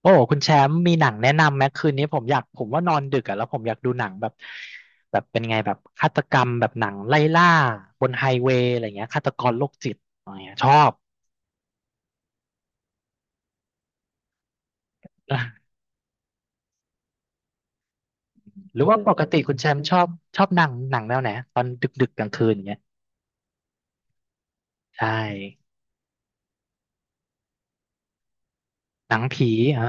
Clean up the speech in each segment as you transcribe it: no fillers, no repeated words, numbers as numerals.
โอ้คุณแชมป์มีหนังแนะนำไหมคืนนี้ผมอยากผมว่านอนดึกอะแล้วผมอยากดูหนังแบบเป็นไงแบบฆาตกรรมแบบหนังไล่ล่าบนไฮเวย์อะไรเงี้ยฆาตกรโรคจิตอะไรเงี้ยชอบ อ่ะหรือว่าปกติคุณแชมป์ชอบชอบหนังแนวไหนตอนดึกดึกกลางคืนอย่างเงี้ยใช่หนังผีอ๋อ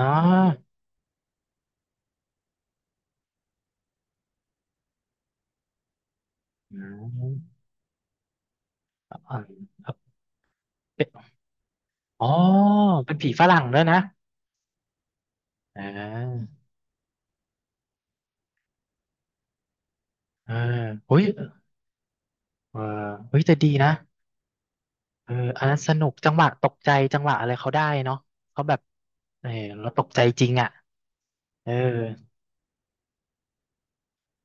อืมอ่าเป็นอ๋อเป็นผีฝรั่งด้วยนะอ่าเออเฮ้ยเออเฮ้ยแต่ดีนะ เอออันนั้นสนุกจังหวะตกใจจังหวะอะไรเขาได้เนาะเขาแบบเออเราตกใจจริงอ่ะเออ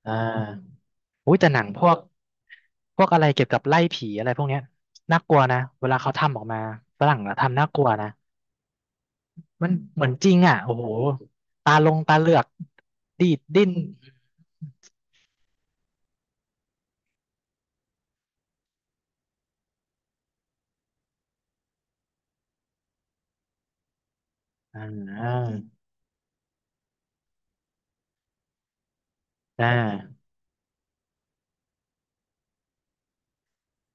อ่าอุ้ยแต่หนังพวกพวกอะไรเกี่ยวกับไล่ผีอะไรพวกเนี้ยน่ากลัวนะเวลาเขาทำออกมาฝรั่งอะทำน่ากลัวนะมันเหมือนจริงอ่ะโอ้โหตาลงตาเหลือกดีดดิ้นอ่าอ่า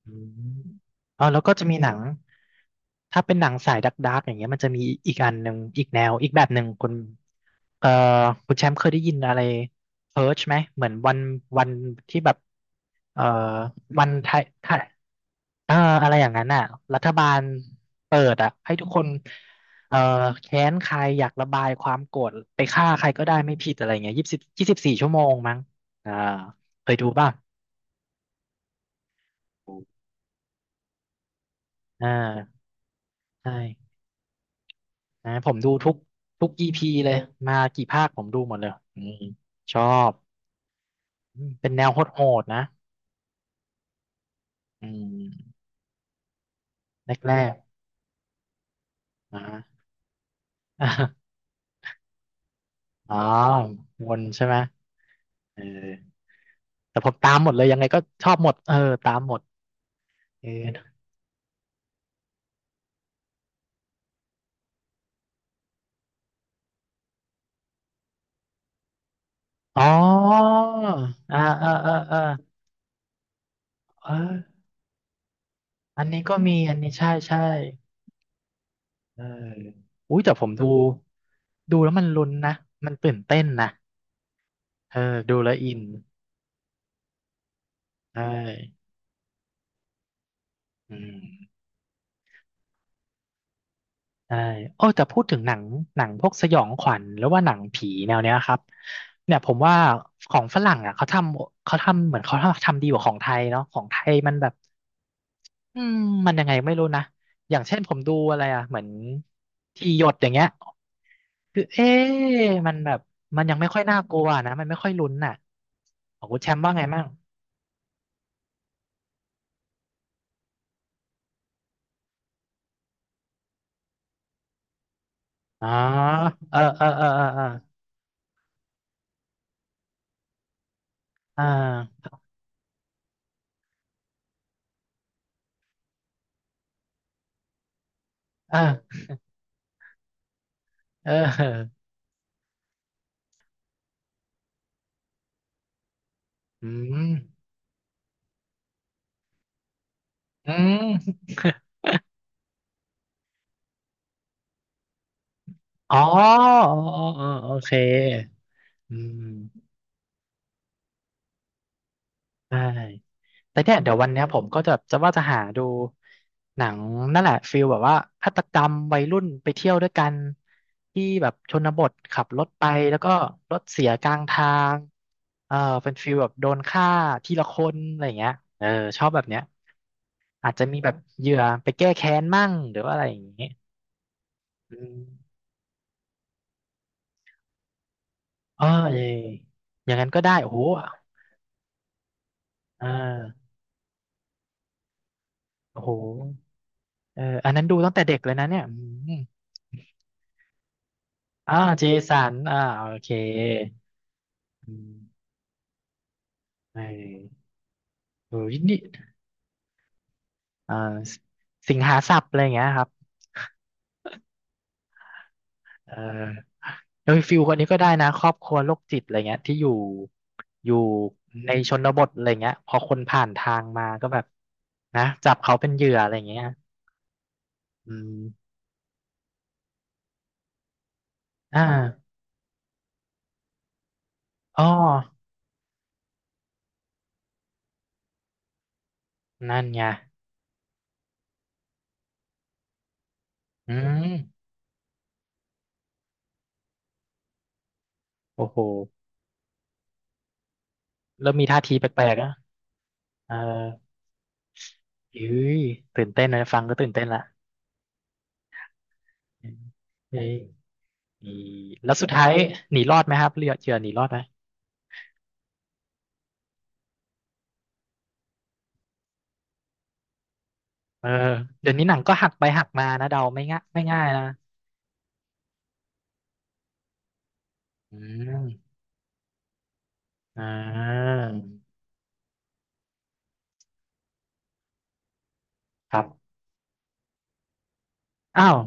อืมอ๋อแล้วก็จะมีหนังถ้าเป็นหนังสายดัก์กๆอย่างเงี้ยมันจะมีอีกอันหนึ่งอีกแนวอีกแบบหนึ่งคุณเอ่อคุณแชมป์เคยได้ยินอะไรเพิร์ชไหมเหมือนวันที่แบบเอ่อวันไทยไทยเอ่ออะไรอย่างนั้นอ่ะรัฐบาลเปิดอ่ะให้ทุกคนเอ่อแค้นใครอยากระบายความโกรธไปฆ่าใครก็ได้ไม่ผิดอะไรเงี้ย24 ชั่วโมงมั้งอ่าเคยดูป่ะอ่าใช่ นะผมดูทุกอีพีเลยมากี่ภาคผมดูหมดเลยอืมชอบอืมเป็นแนวโหดๆนะอืมแรกๆนะ อ่ะอ๋อวนใช่ไหมเออแต่ผมตามหมดเลยยังไงก็ชอบหมดเออตามหมดเอออ๋ออ่าอ่าอ่าอ่าเอออันนี้ก็มีอันนี้ใช่ใช่เอออุ้ยแต่ผมดูดูแล้วมันลุ้นนะมันตื่นเต้นนะเออดูแล้วอินใช่อืม ใช่โอ้แต่พูดถึงหนังหนังพวกสยองขวัญหรือว่าหนังผีแนวเนี้ยครับเนี่ยผมว่าของฝรั่งอ่ะเขาทำเหมือนเขาทำดีกว่าของไทยเนาะของไทยมันแบบอืมมันยังไงไม่รู้นะอย่างเช่นผมดูอะไรอ่ะเหมือนที่หยดอย่างเงี้ยคือเอ๊ะมันแบบมันยังไม่ค่อยน่ากลัวนะมันไม่ค่อยลุ้นน่ะของคุณแชมป์ว่าไงมั่งอ๋อเออเออเออเออเอออ่าเออเอออืมอืม อ๋ออ๋ออ๋อโอเคอืมได้แต่เนี่ยเดี๋ยววันเนี้ยผมก็จะว่าจะหาดูหนังนั่นแหละฟิลแบบว่าฆาตกรรมวัยรุ่นไปเที่ยวด้วยกันที่แบบชนบทขับรถไปแล้วก็รถเสียกลางทางเออเป็นฟิลแบบโดนฆ่าทีละคนอะไรอย่างเงี้ยเออชอบแบบเนี้ยอาจจะมีแบบเหยื่อไปแก้แค้นมั่งหรือว่าอะไรอย่างงี้อืมเอ๋อเอออย่างนั้นก็ได้โอ้โหเออโอ้โห เอออันนั้นดูตั้งแต่เด็กเลยนะเนี่ยอืมอ่าเจสันอ่าโอเคอืมเออเออนี่อ่าสสิงหาสับอะไรอย่างเงี้ยครับเออโดยฟิลคนนี้ก็ได้นะครอบครัวโรคจิตอะไรเงี้ยที่อยู่ในชนบทอะไรเงี้ยพอคนผ่านทางมาก็แบบนะจับเขาเป็นเหยื่ออะไรเงี้ยอืมอ่าอ๋อนั่นไงอืมโอ้โหเริ่มมีท่าทีแปลกๆอ่ะเออ อุ้ยตื่นเต้นนะฟังก็ตื่นเต้นละเฮ้ยอีแล้วสุดท้ายหนีรอดไหมครับเรือเจือหนีรอดไหมเออเดี๋ยวนี้หนังก็หักไปหักมานะเดาไม่ง่ายนะอืมอ่าครับอ้าว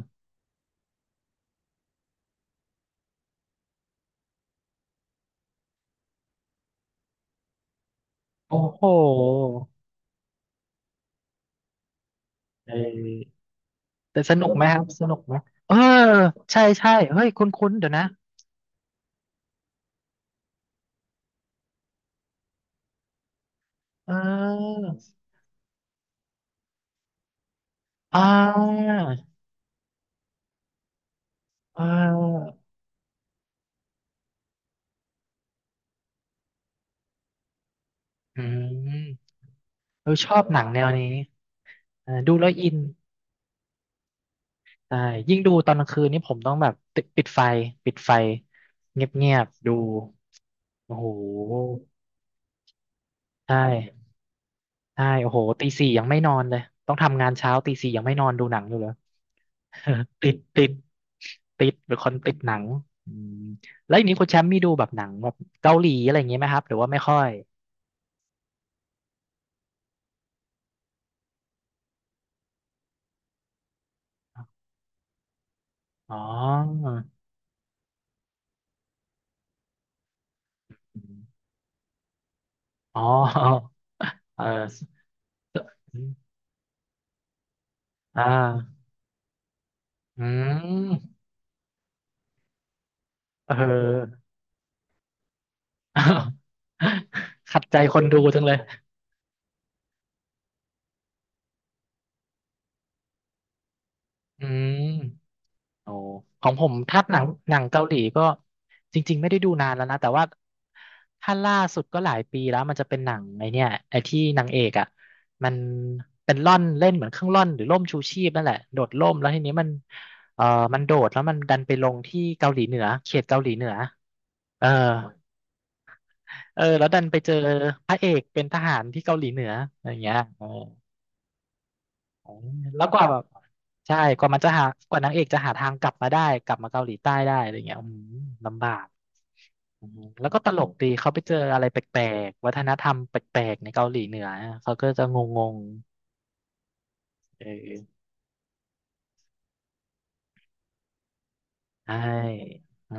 โอ้โหเออแต่สนุกไหมครับสนุกไหมเออใช่ใช่เฮ้ยคุ้นๆเดี๋ยวนะเอออ่าเอออืมเราชอบหนังแนวนี้เออดูแล้วอิน ใช่ยิ่งดูตอนกลางคืนนี่ผมต้องแบบติดปิดไฟเงียบๆดูโอ้โหใช่ใช่โอ้โหตีสี่ยังไม่นอนเลยต้องทำงานเช้าตีสี่ยังไม่นอนดูหนังอยู่เลย ติดติดติดเป็นคนติดหนังอืมแล้วอย่างนี้คุณแชมป์มีดูแบบหนังแบบเกาหลีอะไรอย่างงี้ไหมครับหรือว่าไม่ค่อยอ๋ออืมอ๋อ เออ อ่าอืมเออ อ้าวขัดใจคนดูจังเลยอืมโอ้ของผมถ้าหนังหนังเกาหลีก็จริงๆไม่ได้ดูนานแล้วนะ แต่ว่าถ้าล่าสุดก็หลายปีแล้วมันจะเป็นหนังไอเนี่ยไอที่นางเอกอ่ะมันเป็นร่อนเล่นเหมือนเครื่องร่อนหรือร่มชูชีพนั่นแหละโดดร่มแล้วทีนี้มันเออมันโดดแล้วมันดันไปลงที่เกาหลีเหนือเขตเกาหลีเหนือเออเออแล้วดันไปเจอพระเอกเป็นทหารที่เกาหลีเหนืออะไรอย่างเงี้ยเออ อ๋อแล้วกว่าแบบใช่กว่ามันจะหากว่านางเอกจะหาทางกลับมาได้กลับมาเกาหลีใต้ได้อะไรเงี้ยอืมลำบากอืมแล้วก็ตลกดีเขาไปเจออะไรแปลกๆวัฒนธรรมแปลกๆในเกาหลีเหนือเขาก็จะงงๆเออใช่อ่า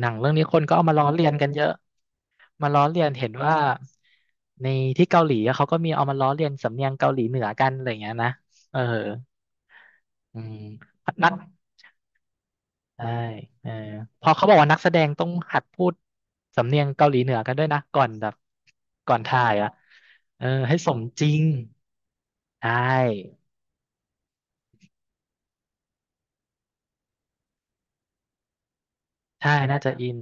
หนังเรื่องนี้คนก็เอามาล้อเลียนกันเยอะมาล้อเลียนเห็นว่าในที่เกาหลีอะเขาก็มีเอามาล้อเลียนสำเนียงเกาหลีเหนือกันอะไรเงี้ยนะเอออืมนัก ใช่เออเขาบอกว่านักแสดงต้องหัดพูดสำเนียงเกาหลีเหนือกันด้วยนะก่อนแบบก่อนถ่ายอ่ะเออให้สมจริงใช่ใช่น่าจะอิน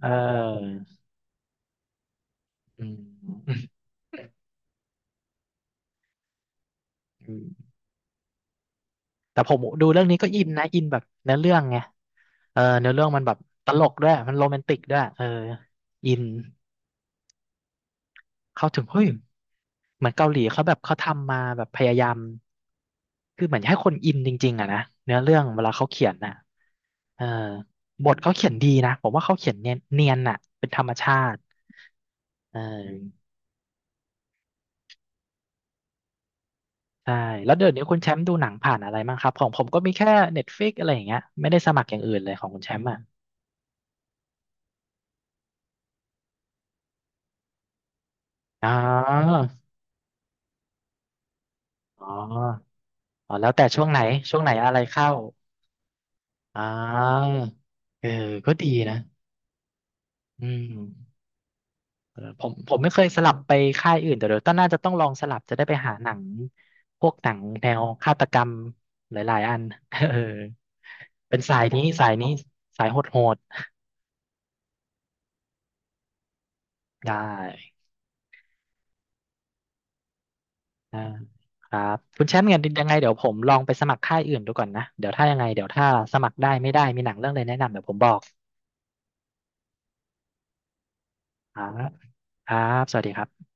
เอออืม อืมแต่ผมดูเรื่องนี้ก็อินนะอินแบบเนื้อเรื่องไงเออเนื้อเรื่องมันแบบตลกด้วยมันโรแมนติกด้วยเอออินเข้าถึงเฮ้ย เหมือนเกาหลีเขาแบบเขาทำมาแบบพยายามคือเหมือนให้คนอินจริงๆอะนะเนื้อเรื่องเวลาเขาเขียนน่ะเออบทเขาเขียนดีนะผมว่าเขาเขียนเนียนน่ะเป็นธรรมชาติเออใช่แล้วเดี๋ยวนี้คุณแชมป์ดูหนังผ่านอะไรบ้างครับของผมก็มีแค่ Netflix อะไรอย่างเงี้ยไม่ได้สมัครอย่างอื่นเลยของคุณแชมป์อ่ะอ๋ออ๋ออ๋อแล้วแต่ช่วงไหนช่วงไหนอะไรเข้าอ๋อเออก็ดีนะอืม เออผมไม่เคยสลับไปค่ายอื่นแต่เดี๋ยวต้องน่าจะต้องลองสลับจะได้ไปหาหนังพวกหนังแนวฆาตกรรมหลายๆอัน เออเป็นสายนี้สายโหดๆได้อ่าครับคุณแชมป์เงินยังไงเดี๋ยวผมลองไปสมัครค่ายอื่นดูก่อนนะเดี๋ยวถ้ายังไงเดี๋ยวถ้าสมัครได้ไม่ได้มีหนังเรื่องอะไรแนะนำเดี๋ยวผมบอกครับครับสวัสดีครับ